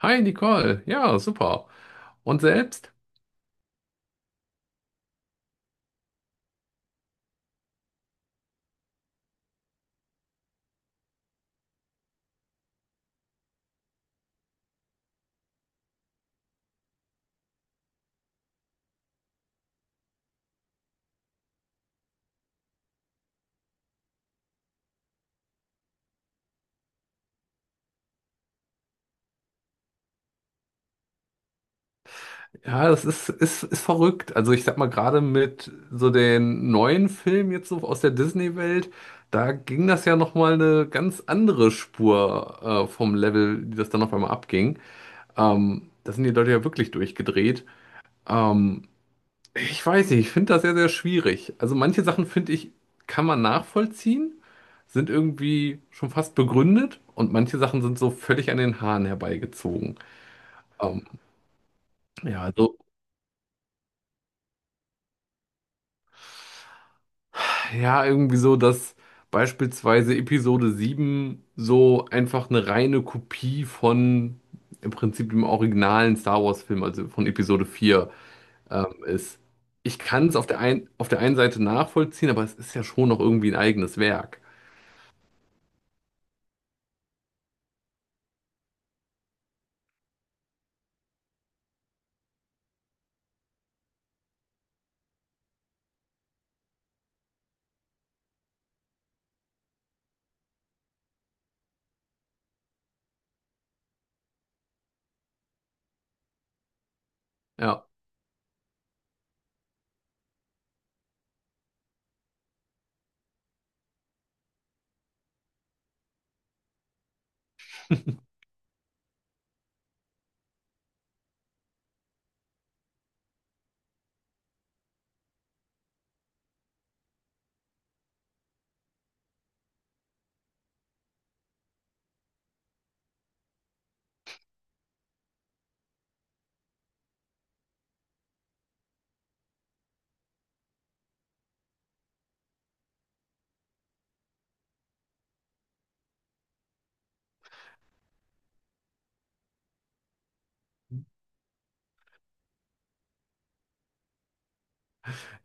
Hi Nicole, ja, super. Und selbst? Ja, das ist verrückt. Also ich sag mal, gerade mit so den neuen Filmen jetzt so aus der Disney-Welt, da ging das ja nochmal eine ganz andere Spur vom Level, die das dann auf einmal abging. Da sind die Leute ja wirklich durchgedreht. Ähm, ich weiß nicht, ich finde das sehr, sehr schwierig. Also manche Sachen finde ich, kann man nachvollziehen, sind irgendwie schon fast begründet und manche Sachen sind so völlig an den Haaren herbeigezogen. Ähm, Ja, also, ja, irgendwie so, dass beispielsweise Episode 7 so einfach eine reine Kopie von im Prinzip dem originalen Star Wars-Film, also von Episode 4 ist. Ich kann es auf der einen Seite nachvollziehen, aber es ist ja schon noch irgendwie ein eigenes Werk. Ja.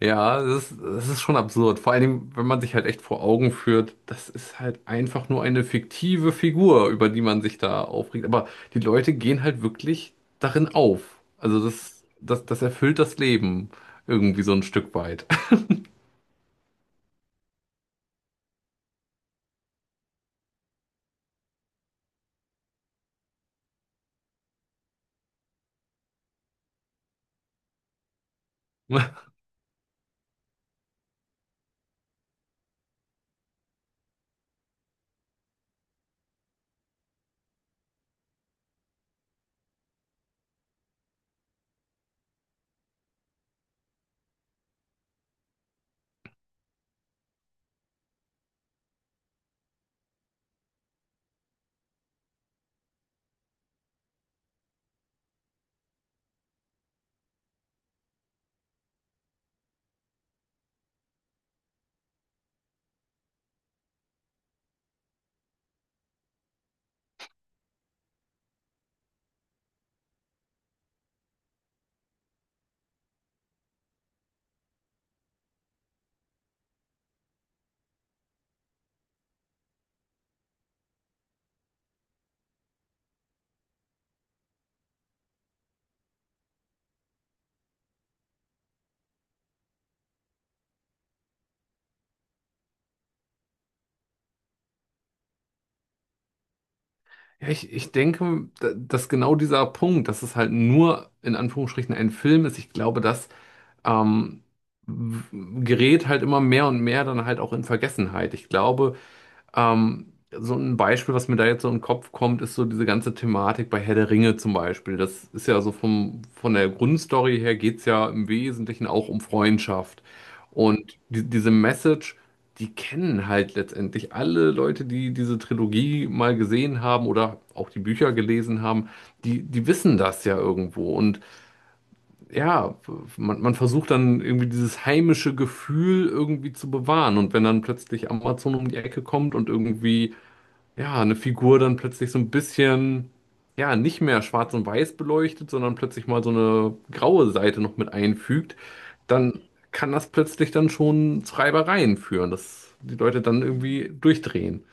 Ja, das ist schon absurd. Vor allen Dingen, wenn man sich halt echt vor Augen führt, das ist halt einfach nur eine fiktive Figur, über die man sich da aufregt. Aber die Leute gehen halt wirklich darin auf. Also das erfüllt das Leben irgendwie so ein Stück weit. Ja, ich denke, dass genau dieser Punkt, dass es halt nur in Anführungsstrichen ein Film ist, ich glaube, das ähm, w- gerät halt immer mehr und mehr dann halt auch in Vergessenheit. Ich glaube. So ein Beispiel, was mir da jetzt so in den Kopf kommt, ist so diese ganze Thematik bei Herr der Ringe zum Beispiel. Das ist ja so von der Grundstory her geht's ja im Wesentlichen auch um Freundschaft. Und diese Message, die kennen halt letztendlich alle Leute, die diese Trilogie mal gesehen haben oder auch die Bücher gelesen haben, die wissen das ja irgendwo. Und ja, man versucht dann irgendwie dieses heimische Gefühl irgendwie zu bewahren. Und wenn dann plötzlich Amazon um die Ecke kommt und irgendwie ja, eine Figur dann plötzlich so ein bisschen, ja, nicht mehr schwarz und weiß beleuchtet, sondern plötzlich mal so eine graue Seite noch mit einfügt, dann kann das plötzlich dann schon zu Reibereien führen, dass die Leute dann irgendwie durchdrehen.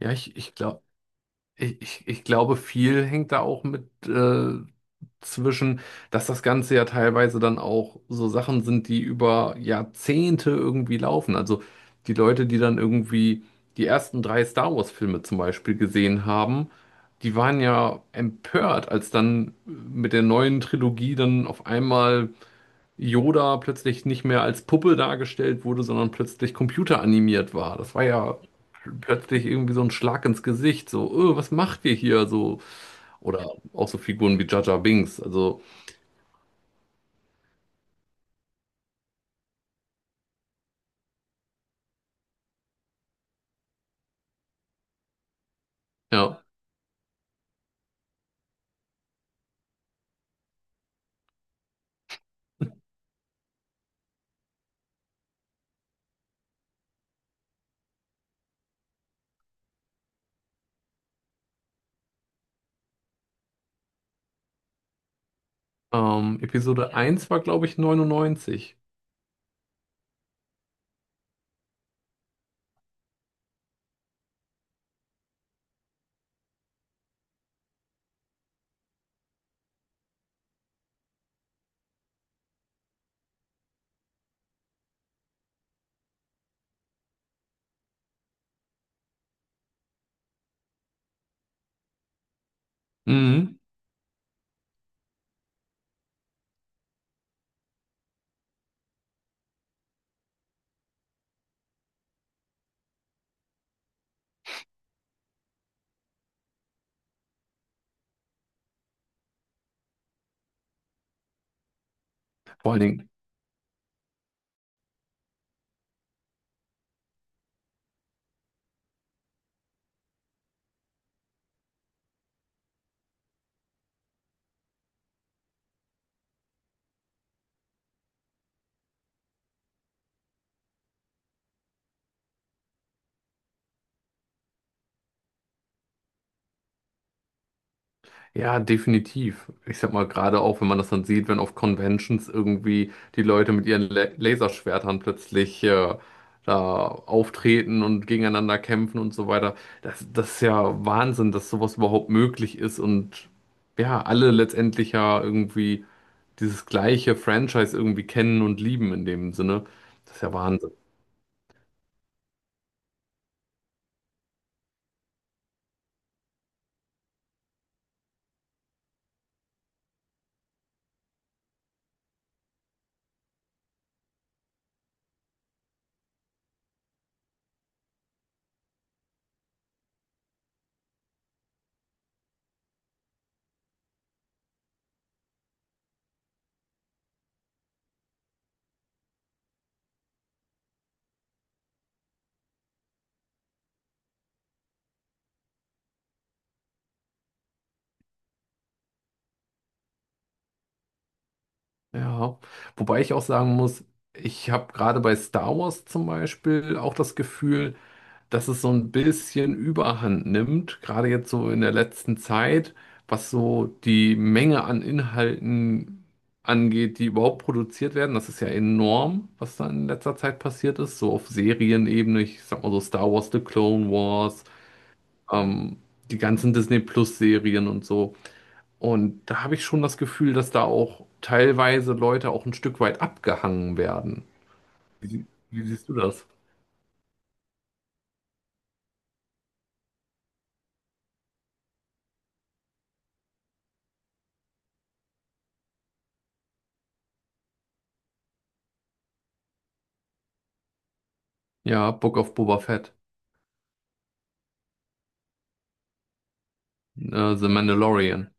Ja, ich glaube, viel hängt da auch mit zwischen, dass das Ganze ja teilweise dann auch so Sachen sind, die über Jahrzehnte irgendwie laufen. Also die Leute, die dann irgendwie die ersten drei Star Wars-Filme zum Beispiel gesehen haben, die waren ja empört, als dann mit der neuen Trilogie dann auf einmal Yoda plötzlich nicht mehr als Puppe dargestellt wurde, sondern plötzlich computeranimiert war. Das war ja plötzlich irgendwie so ein Schlag ins Gesicht, so, was macht ihr hier? So, oder auch so Figuren wie Jar Jar Binks. Also, ja, Episode eins war, glaube ich, 99. Mhm. Vor allen Dingen. Ja, definitiv. Ich sag mal, gerade auch, wenn man das dann sieht, wenn auf Conventions irgendwie die Leute mit ihren La Laserschwertern plötzlich da auftreten und gegeneinander kämpfen und so weiter. Das ist ja Wahnsinn, dass sowas überhaupt möglich ist und ja, alle letztendlich ja irgendwie dieses gleiche Franchise irgendwie kennen und lieben in dem Sinne. Das ist ja Wahnsinn. Ja, wobei ich auch sagen muss, ich habe gerade bei Star Wars zum Beispiel auch das Gefühl, dass es so ein bisschen Überhand nimmt, gerade jetzt so in der letzten Zeit, was so die Menge an Inhalten angeht, die überhaupt produziert werden. Das ist ja enorm, was da in letzter Zeit passiert ist, so auf Serienebene, ich sag mal so Star Wars, The Clone Wars, ähm, die ganzen Disney Plus Serien und so. Und da habe ich schon das Gefühl, dass da auch teilweise Leute auch ein Stück weit abgehangen werden. Wie siehst du das? Ja, Book of Boba Fett, The Mandalorian.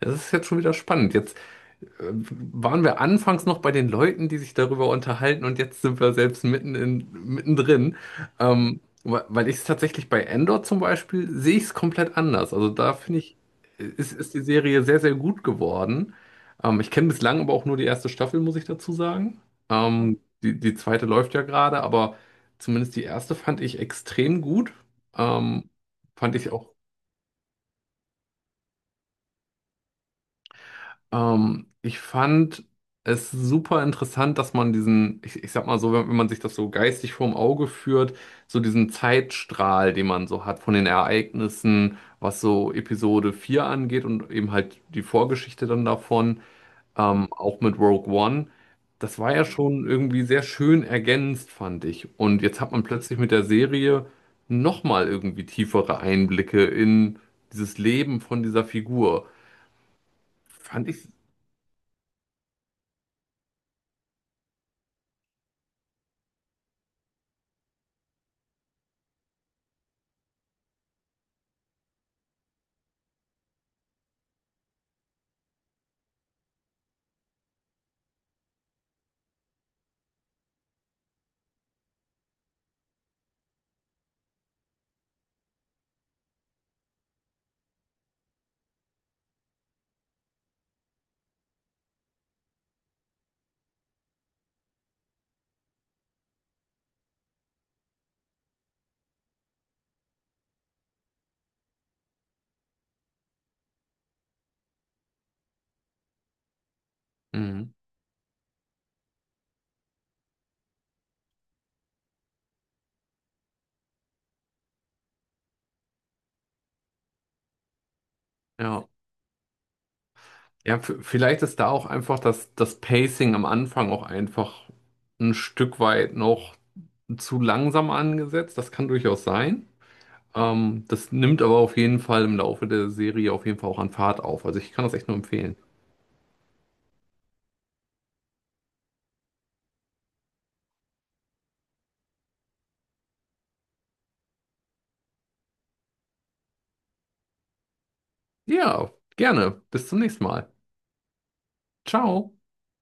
Das ist jetzt schon wieder spannend. Jetzt äh, waren wir anfangs noch bei den Leuten, die sich darüber unterhalten, und jetzt sind wir selbst mittendrin. Weil ich es tatsächlich bei Andor zum Beispiel sehe ich es komplett anders. Also da finde ich, ist die Serie sehr, sehr gut geworden. Ich kenne bislang aber auch nur die erste Staffel, muss ich dazu sagen. Die zweite läuft ja gerade, aber zumindest die erste fand ich extrem gut. Ähm, Fand ich auch. Ich fand es super interessant, dass man diesen, ich sag mal so, wenn man sich das so geistig vorm Auge führt, so diesen Zeitstrahl, den man so hat von den Ereignissen, was so Episode 4 angeht und eben halt die Vorgeschichte dann davon, auch mit Rogue One. Das war ja schon irgendwie sehr schön ergänzt, fand ich. Und jetzt hat man plötzlich mit der Serie nochmal irgendwie tiefere Einblicke in dieses Leben von dieser Figur. Fand ich. Ja, ja, vielleicht ist da auch einfach das Pacing am Anfang auch einfach ein Stück weit noch zu langsam angesetzt. Das kann durchaus sein. Das nimmt aber auf jeden Fall im Laufe der Serie auf jeden Fall auch an Fahrt auf. Also ich kann das echt nur empfehlen. Ja, gerne. Bis zum nächsten Mal. Ciao.